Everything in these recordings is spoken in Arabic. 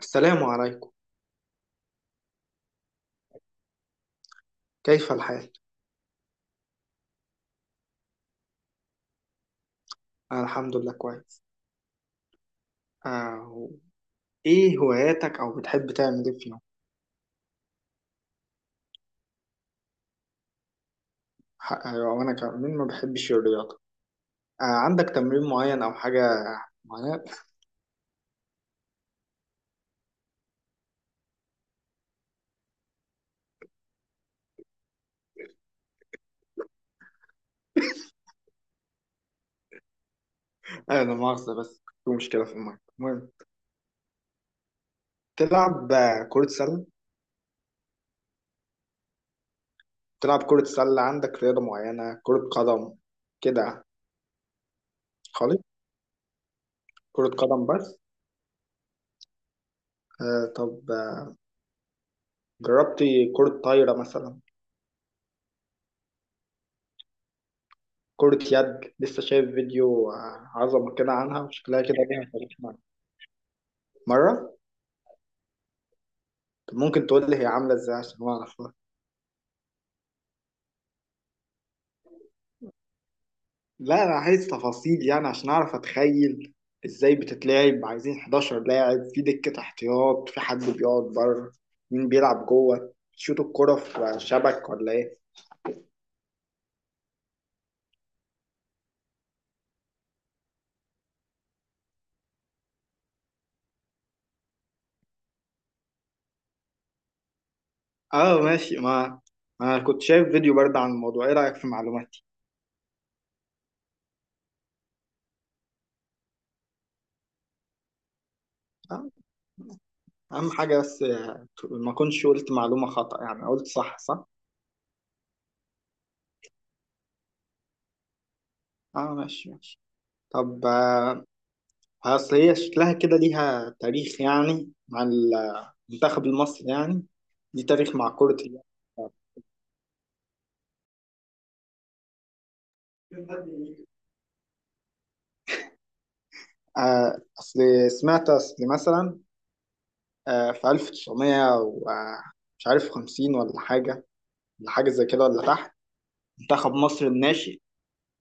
السلام عليكم. كيف الحال؟ أنا الحمد لله كويس. آه. إيه هواياتك أو بتحب تعمل إيه في يوم؟ أيوة، وأنا كمان ما بحبش الرياضة. آه. عندك تمرين معين أو حاجة معينة؟ آه، لا مؤاخذة، بس في مشكلة في المايك. المهم، تلعب كرة سلة؟ تلعب كرة سلة؟ عندك رياضة معينة، كرة قدم كده؟ خالص، كرة قدم بس. آه. طب، جربتي كرة طايرة مثلا؟ كرة يد، لسه شايف فيديو عظمة كده عنها، وشكلها كده جامد. مرة. طب، ممكن تقول لي هي عاملة ازاي عشان اعرفها؟ لا، انا عايز تفاصيل يعني، عشان اعرف اتخيل ازاي بتتلعب. عايزين 11 لاعب؟ في دكة احتياط؟ في حد بيقعد بره؟ مين بيلعب جوه؟ شوط الكرة في شبك ولا ايه؟ اه، ماشي. ما انا كنت شايف فيديو برضه عن الموضوع. ايه رأيك في معلوماتي؟ آه، اهم حاجة، بس ما كنتش قلت معلومة خطأ يعني، قلت صح صح. اه، ماشي ماشي. طب، اصل هي شكلها كده ليها تاريخ يعني، مع المنتخب المصري يعني، ليه تاريخ مع كرة اليد. أصل سمعت، أصل مثلا في 1900 مش عارف 50 ولا حاجة، ولا حاجة زي كده ولا تحت. منتخب مصر الناشئ،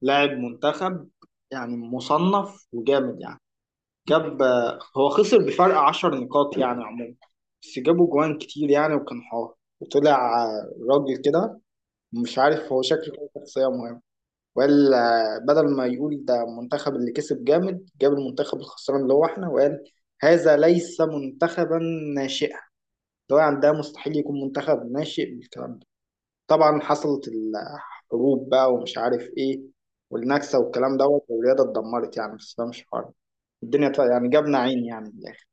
لاعب منتخب يعني، مصنف وجامد يعني. جاب، هو خسر بفرق 10 نقاط يعني عموما، بس جابوا جوان كتير يعني، وكان حار. وطلع راجل كده، مش عارف، هو شكله كده شخصية مهمة ولا. بدل ما يقول ده المنتخب اللي كسب جامد، جاب المنتخب الخسران اللي هو احنا، وقال هذا ليس منتخبا ناشئا، اللي هو يعني، ده مستحيل يكون منتخب ناشئ بالكلام ده. طبعا حصلت الحروب بقى ومش عارف ايه، والنكسة والكلام دوت، والرياضة اتدمرت يعني، بس ده مش حوار. الدنيا طبعا يعني جابنا عين يعني، من الآخر.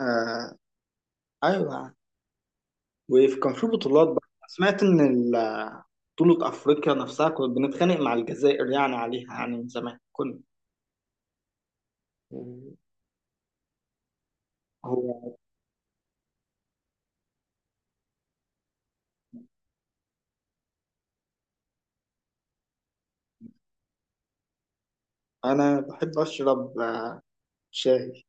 آه، أيوه. وكان في بطولات بقى. سمعت إن بطولة أفريقيا نفسها كنا بنتخانق مع الجزائر يعني عليها، يعني من زمان. كنا. هو. أنا بحب أشرب شاي،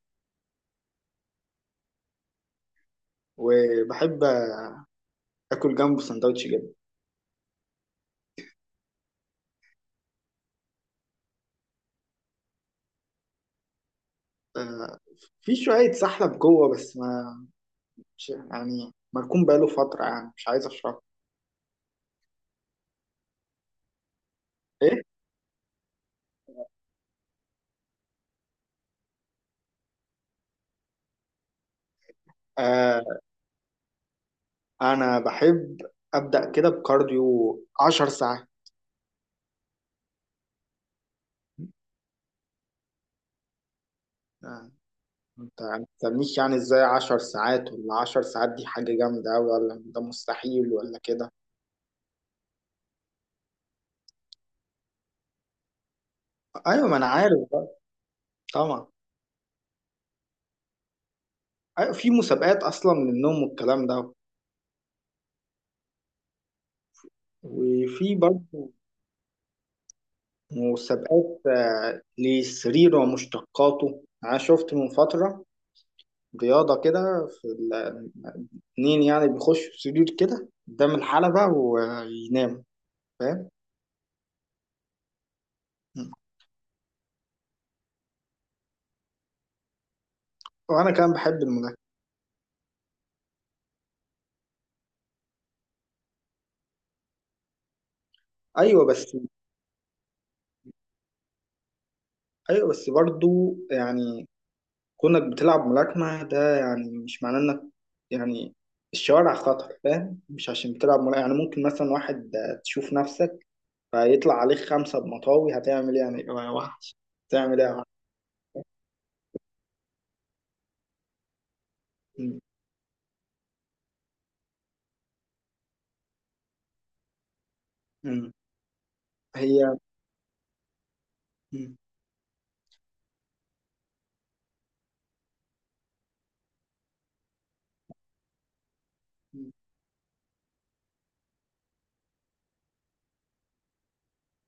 وبحب آكل جنبه سندوتش جبن. آه، في شوية سحلب جوه، بس ما مش يعني، مركون بقاله فترة يعني، مش عايز أشربه. إيه؟ آه. أنا بحب أبدأ كده بكارديو 10 ساعات. آه، أنت ما تسألنيش يعني إزاي 10 ساعات، ولا 10 ساعات دي حاجة جامدة أوي، ولا ده مستحيل، ولا كده. أيوة، ما أنا عارف بقى طبعا. أيوة، في مسابقات أصلا للنوم والكلام ده، وفي برضه مسابقات للسرير ومشتقاته. أنا شفت من فترة رياضة كده، في اتنين يعني بيخشوا في سرير كده قدام الحلبة ويناموا، فاهم؟ وأنا كمان بحب الملاكمة. أيوة بس، أيوة بس برضه يعني، كونك بتلعب ملاكمة ده يعني مش معناه إنك، يعني الشوارع خطر، فاهم؟ مش عشان بتلعب ملاكمة يعني، ممكن مثلا واحد تشوف نفسك فيطلع عليك خمسة بمطاوي، هتعمل ايه يعني واحد؟ هتعمل ايه يا واحد؟ مم. مم. هي، مم.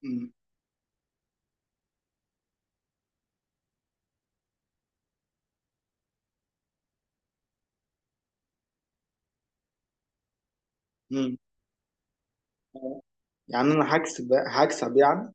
مم. مم. يعني انا هكسب يعني.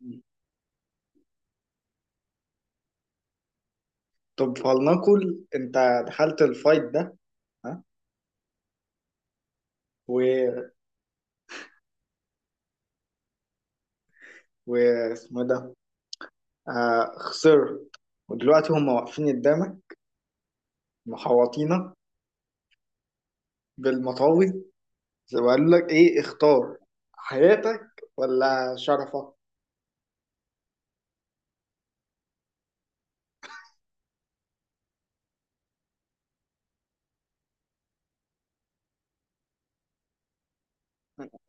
مم. طب فلنقل انت دخلت الفايت ده. ها. و واسمه ده، خسرت، ودلوقتي هم واقفين قدامك، محوطينك بالمطاوي، وقالوا لك ايه: اختار حياتك ولا شرفك.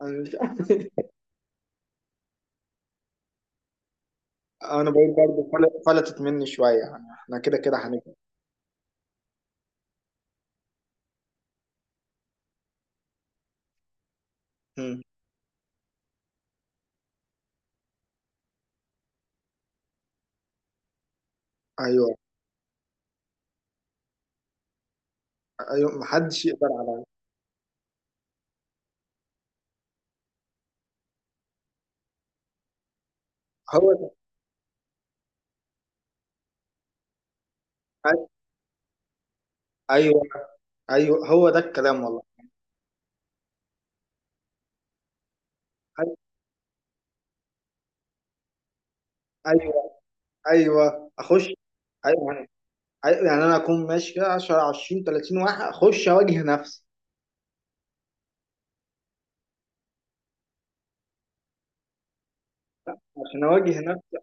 انا مش، انا بقول برضه فلتت مني شويه يعني، احنا كده كده هنجي. مم. ايوه، ايوه، محدش يقدر على. هو ده. أي- ايوه، ايوه، هو ده الكلام والله. أي- ايوه، ايوه، اخش. ايوه يعني، أيوة يعني انا اكون ماشي كده 10 20 30 واحد، اخش اواجه نفسي؟ عشان اواجه نفسي؟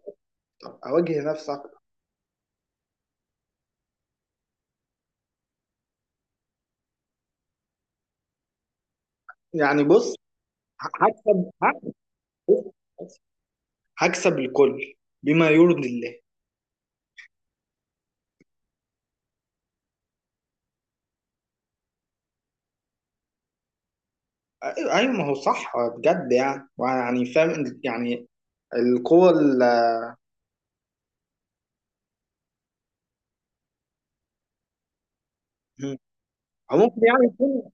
طب اواجه نفسي اكتر يعني، بص، هكسب، بص، هكسب الكل بما يرضي الله. ايوه، أيوة، ما هو صح بجد يعني فاهم يعني القوة ال، أو ممكن يعني يكون،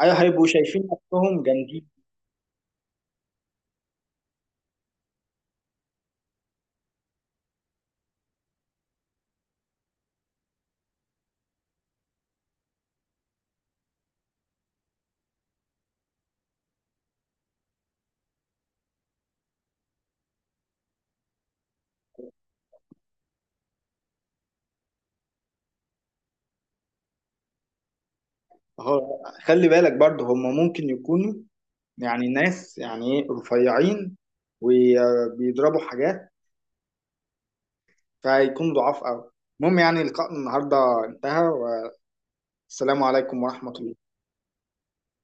أيوة هيبقوا شايفين نفسهم جامدين. هو خلي بالك برضه، هم ممكن يكونوا يعني ناس يعني إيه، رفيعين، وبيضربوا حاجات، فهيكون ضعاف أوي. المهم يعني، لقاء النهاردة انتهى، والسلام عليكم ورحمة الله.